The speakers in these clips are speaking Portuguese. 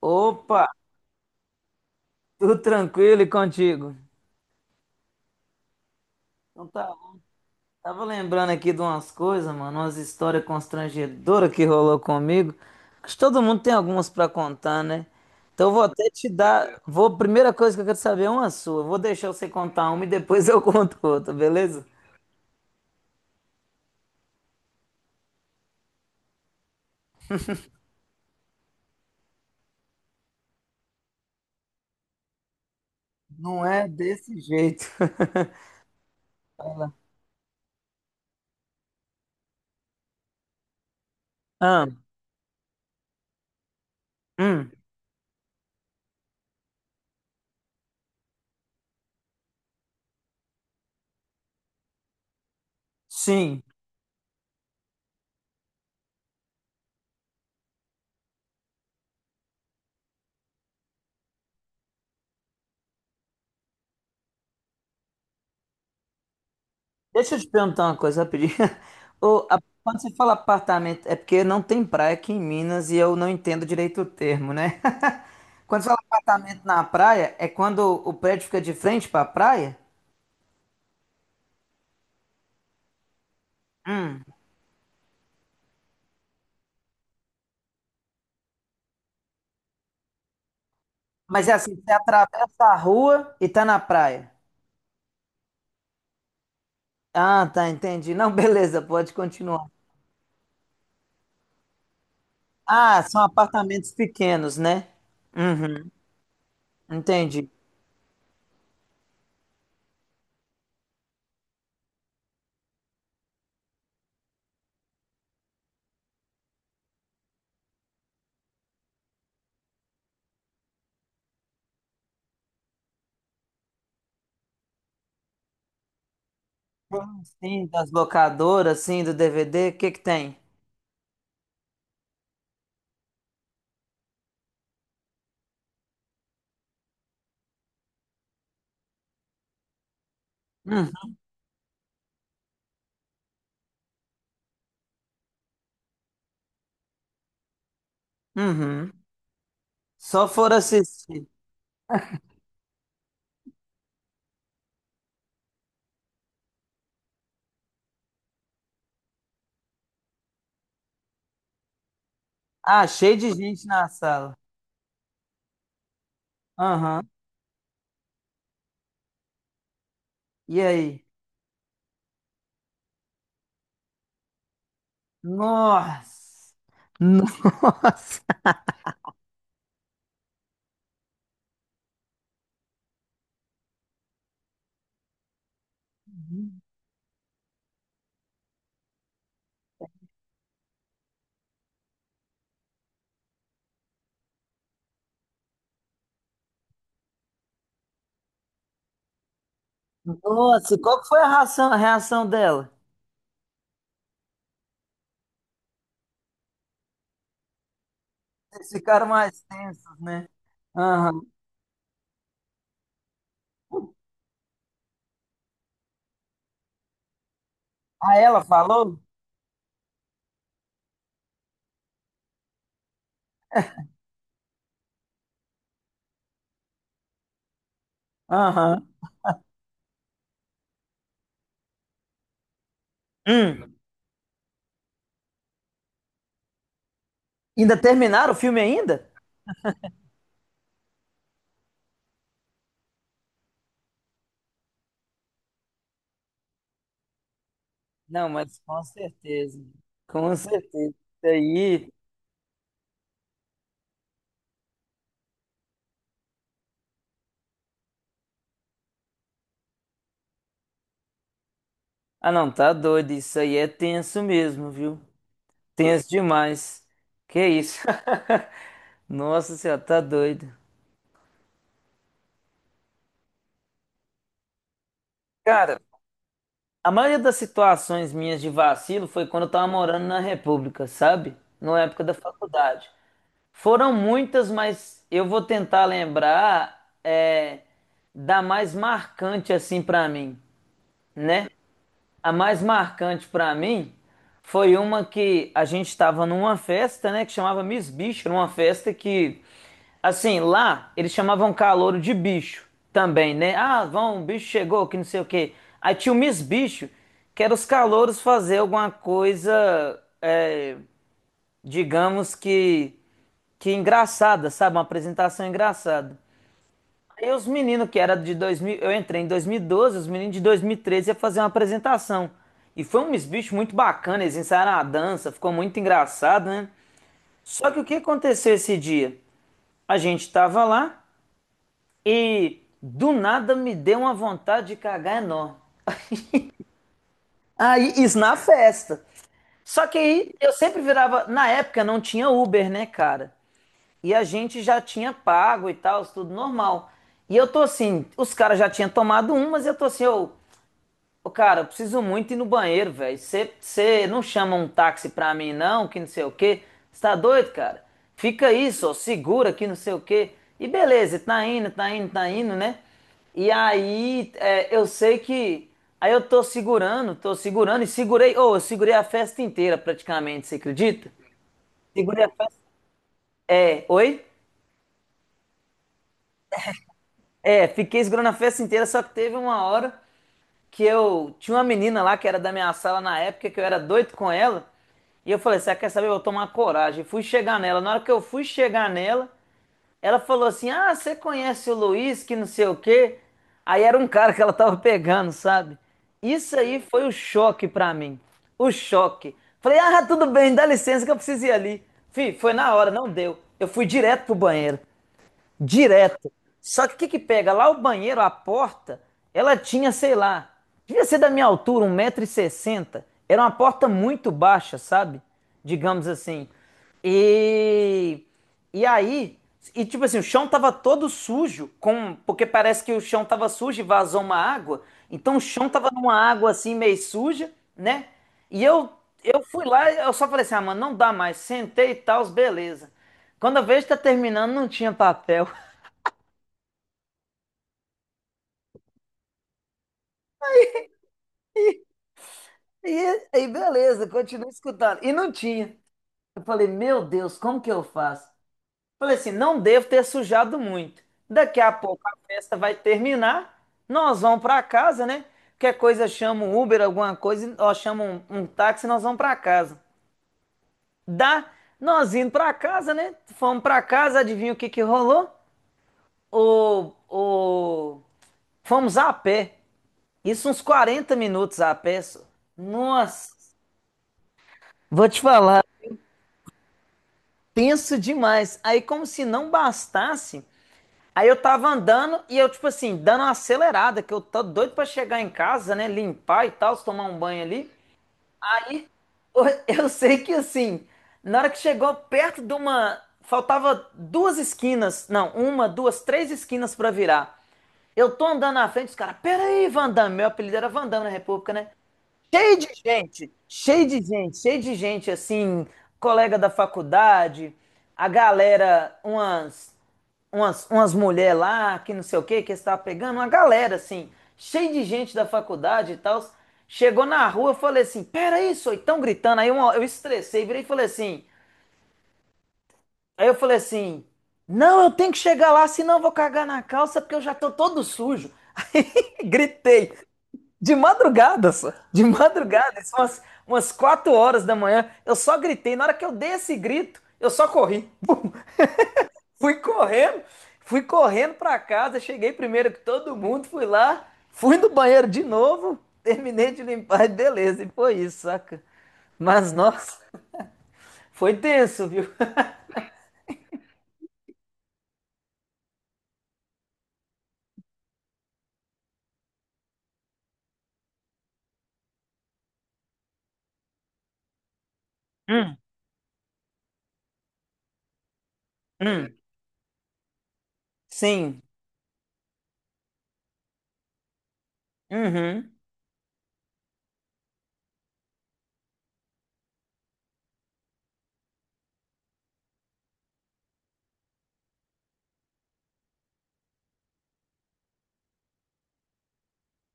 Opa, tudo tranquilo e contigo? Então tá, bom. Tava lembrando aqui de umas coisas, mano, umas histórias constrangedoras que rolou comigo. Acho que todo mundo tem algumas pra contar, né? Então eu vou até te dar, vou, primeira coisa que eu quero saber é uma sua. Vou deixar você contar uma e depois eu conto outra, beleza? Não é desse jeito. Ah, hum, sim. Deixa eu te perguntar uma coisa rapidinho. Quando você fala apartamento, é porque não tem praia aqui em Minas e eu não entendo direito o termo, né? Quando você fala apartamento na praia, é quando o prédio fica de frente para a praia? Mas é assim, você atravessa a rua e tá na praia. Ah, tá, entendi. Não, beleza, pode continuar. Ah, são apartamentos pequenos, né? Uhum, entendi. Sim, das locadoras, sim, do DVD, o que que tem? Uhum. Uhum. Só for assistir. Ah, cheio de gente na sala. Aham. E aí? Nossa! Nossa! Nossa, qual que foi a reação, dela? Vocês ficaram mais tensos, né? Aham. Ah, ela falou? Aham. Hum. Ainda terminaram o filme ainda? Não, mas com certeza. Com certeza. Isso aí. Ah, não, tá doido. Isso aí é tenso mesmo, viu? Tenso demais. Que isso? Nossa senhora, tá doido. Cara, a maioria das situações minhas de vacilo foi quando eu tava morando na República, sabe? Na época da faculdade. Foram muitas, mas eu vou tentar lembrar é, da mais marcante assim pra mim, né? A mais marcante pra mim foi uma que a gente estava numa festa, né, que chamava Miss Bicho, numa festa que assim, lá eles chamavam calouro de bicho também, né? Ah, vão, o bicho chegou, que não sei o quê. Aí tinha o Miss Bicho, que era os calouros fazer alguma coisa, é, digamos que engraçada, sabe? Uma apresentação engraçada. Aí os meninos que era de 2000, eu entrei em 2012, os meninos de 2013 ia fazer uma apresentação. E foi um bicho muito bacana, eles ensaiaram a dança, ficou muito engraçado, né? Só que o que aconteceu esse dia? A gente tava lá e do nada me deu uma vontade de cagar enorme. Aí, isso na festa. Só que aí eu sempre virava, na época não tinha Uber, né, cara? E a gente já tinha pago e tal, tudo normal. E eu tô assim, os caras já tinham tomado um, mas eu tô assim, eu: Ô, cara, eu preciso muito ir no banheiro, velho. Você não chama um táxi pra mim, não, que não sei o quê. Você tá doido, cara? Fica aí, só segura que não sei o quê. E beleza, tá indo, tá indo, tá indo, né? E aí, é, eu sei que. Aí eu tô segurando e segurei. Ô, eu segurei a festa inteira praticamente, você acredita? Segurei a festa. É, oi? É, fiquei segurando a festa inteira, só que teve uma hora, que eu tinha uma menina lá que era da minha sala na época que eu era doido com ela. E eu falei, você quer saber? Eu vou tomar coragem. Fui chegar nela. Na hora que eu fui chegar nela, ela falou assim: Ah, você conhece o Luiz, que não sei o quê. Aí era um cara que ela tava pegando, sabe? Isso aí foi o choque pra mim. O choque. Falei, ah, tudo bem, dá licença que eu preciso ir ali. Fih, foi na hora, não deu. Eu fui direto pro banheiro direto. Só que o que que pega? Lá o banheiro, a porta, ela tinha, sei lá, devia ser da minha altura, 1,60 m. Era uma porta muito baixa, sabe? Digamos assim. E, e aí, e tipo assim, o chão tava todo sujo, com, porque parece que o chão tava sujo e vazou uma água. Então o chão tava numa água assim meio suja, né? E eu eu fui lá, eu só falei assim: "Ah, mano, não dá mais". Sentei e tal, beleza. Quando eu vejo que tá terminando, não tinha papel. E aí, beleza, continuei escutando. E não tinha. Eu falei, meu Deus, como que eu faço? Falei assim, não devo ter sujado muito. Daqui a pouco a festa vai terminar, nós vamos para casa, né? Qualquer coisa chama um Uber, alguma coisa, ó, chama um, um táxi, e nós vamos para casa. Dá, nós indo para casa, né? Fomos para casa, adivinha o que que rolou? O... Fomos a pé. Isso uns 40 minutos a pé. Só. Nossa, vou te falar. Tenso demais. Aí, como se não bastasse, aí eu tava andando e eu, tipo assim, dando uma acelerada, que eu tô doido pra chegar em casa, né? Limpar e tal, tomar um banho ali. Aí eu sei que assim, na hora que chegou perto de uma. Faltava duas esquinas, não, uma, duas, três esquinas pra virar. Eu tô andando na frente, os caras, peraí, Van Damme, meu apelido era Van Damme na República, né? Cheio de gente, cheio de gente, cheio de gente, assim, colega da faculdade, a galera, umas, umas mulheres lá, que não sei o que, que estava pegando, uma galera, assim, cheio de gente da faculdade e tal. Chegou na rua, eu falei assim, peraí, só estão gritando. Aí uma- eu estressei, virei e falei assim, aí eu falei assim, não, eu tenho que chegar lá, senão eu vou cagar na calça, porque eu já tô todo sujo. Aí gritei. De madrugada, só. De madrugada, são umas, 4 horas da manhã. Eu só gritei. Na hora que eu dei esse grito, eu só corri. Fui correndo, fui correndo pra casa. Cheguei primeiro que todo mundo, fui lá, fui no banheiro de novo, terminei de limpar e beleza. E foi isso, saca? Mas nossa, foi tenso, viu? Hum, hum, sim. Uhum.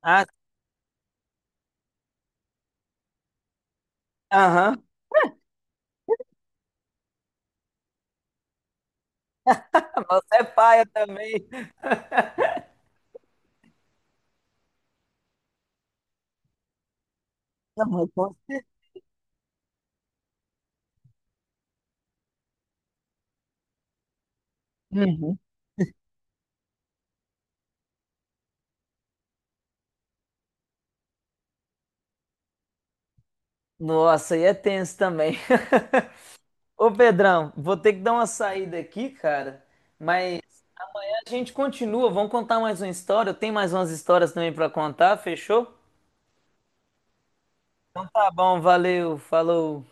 Ah, aham. Você é paia também. Não, mas- Uhum. Nossa, e é tenso também. Ô Pedrão, vou ter que dar uma saída aqui, cara. Mas a gente continua, vamos contar mais uma história. Eu tenho mais umas histórias também pra contar, fechou? Então tá bom, valeu, falou.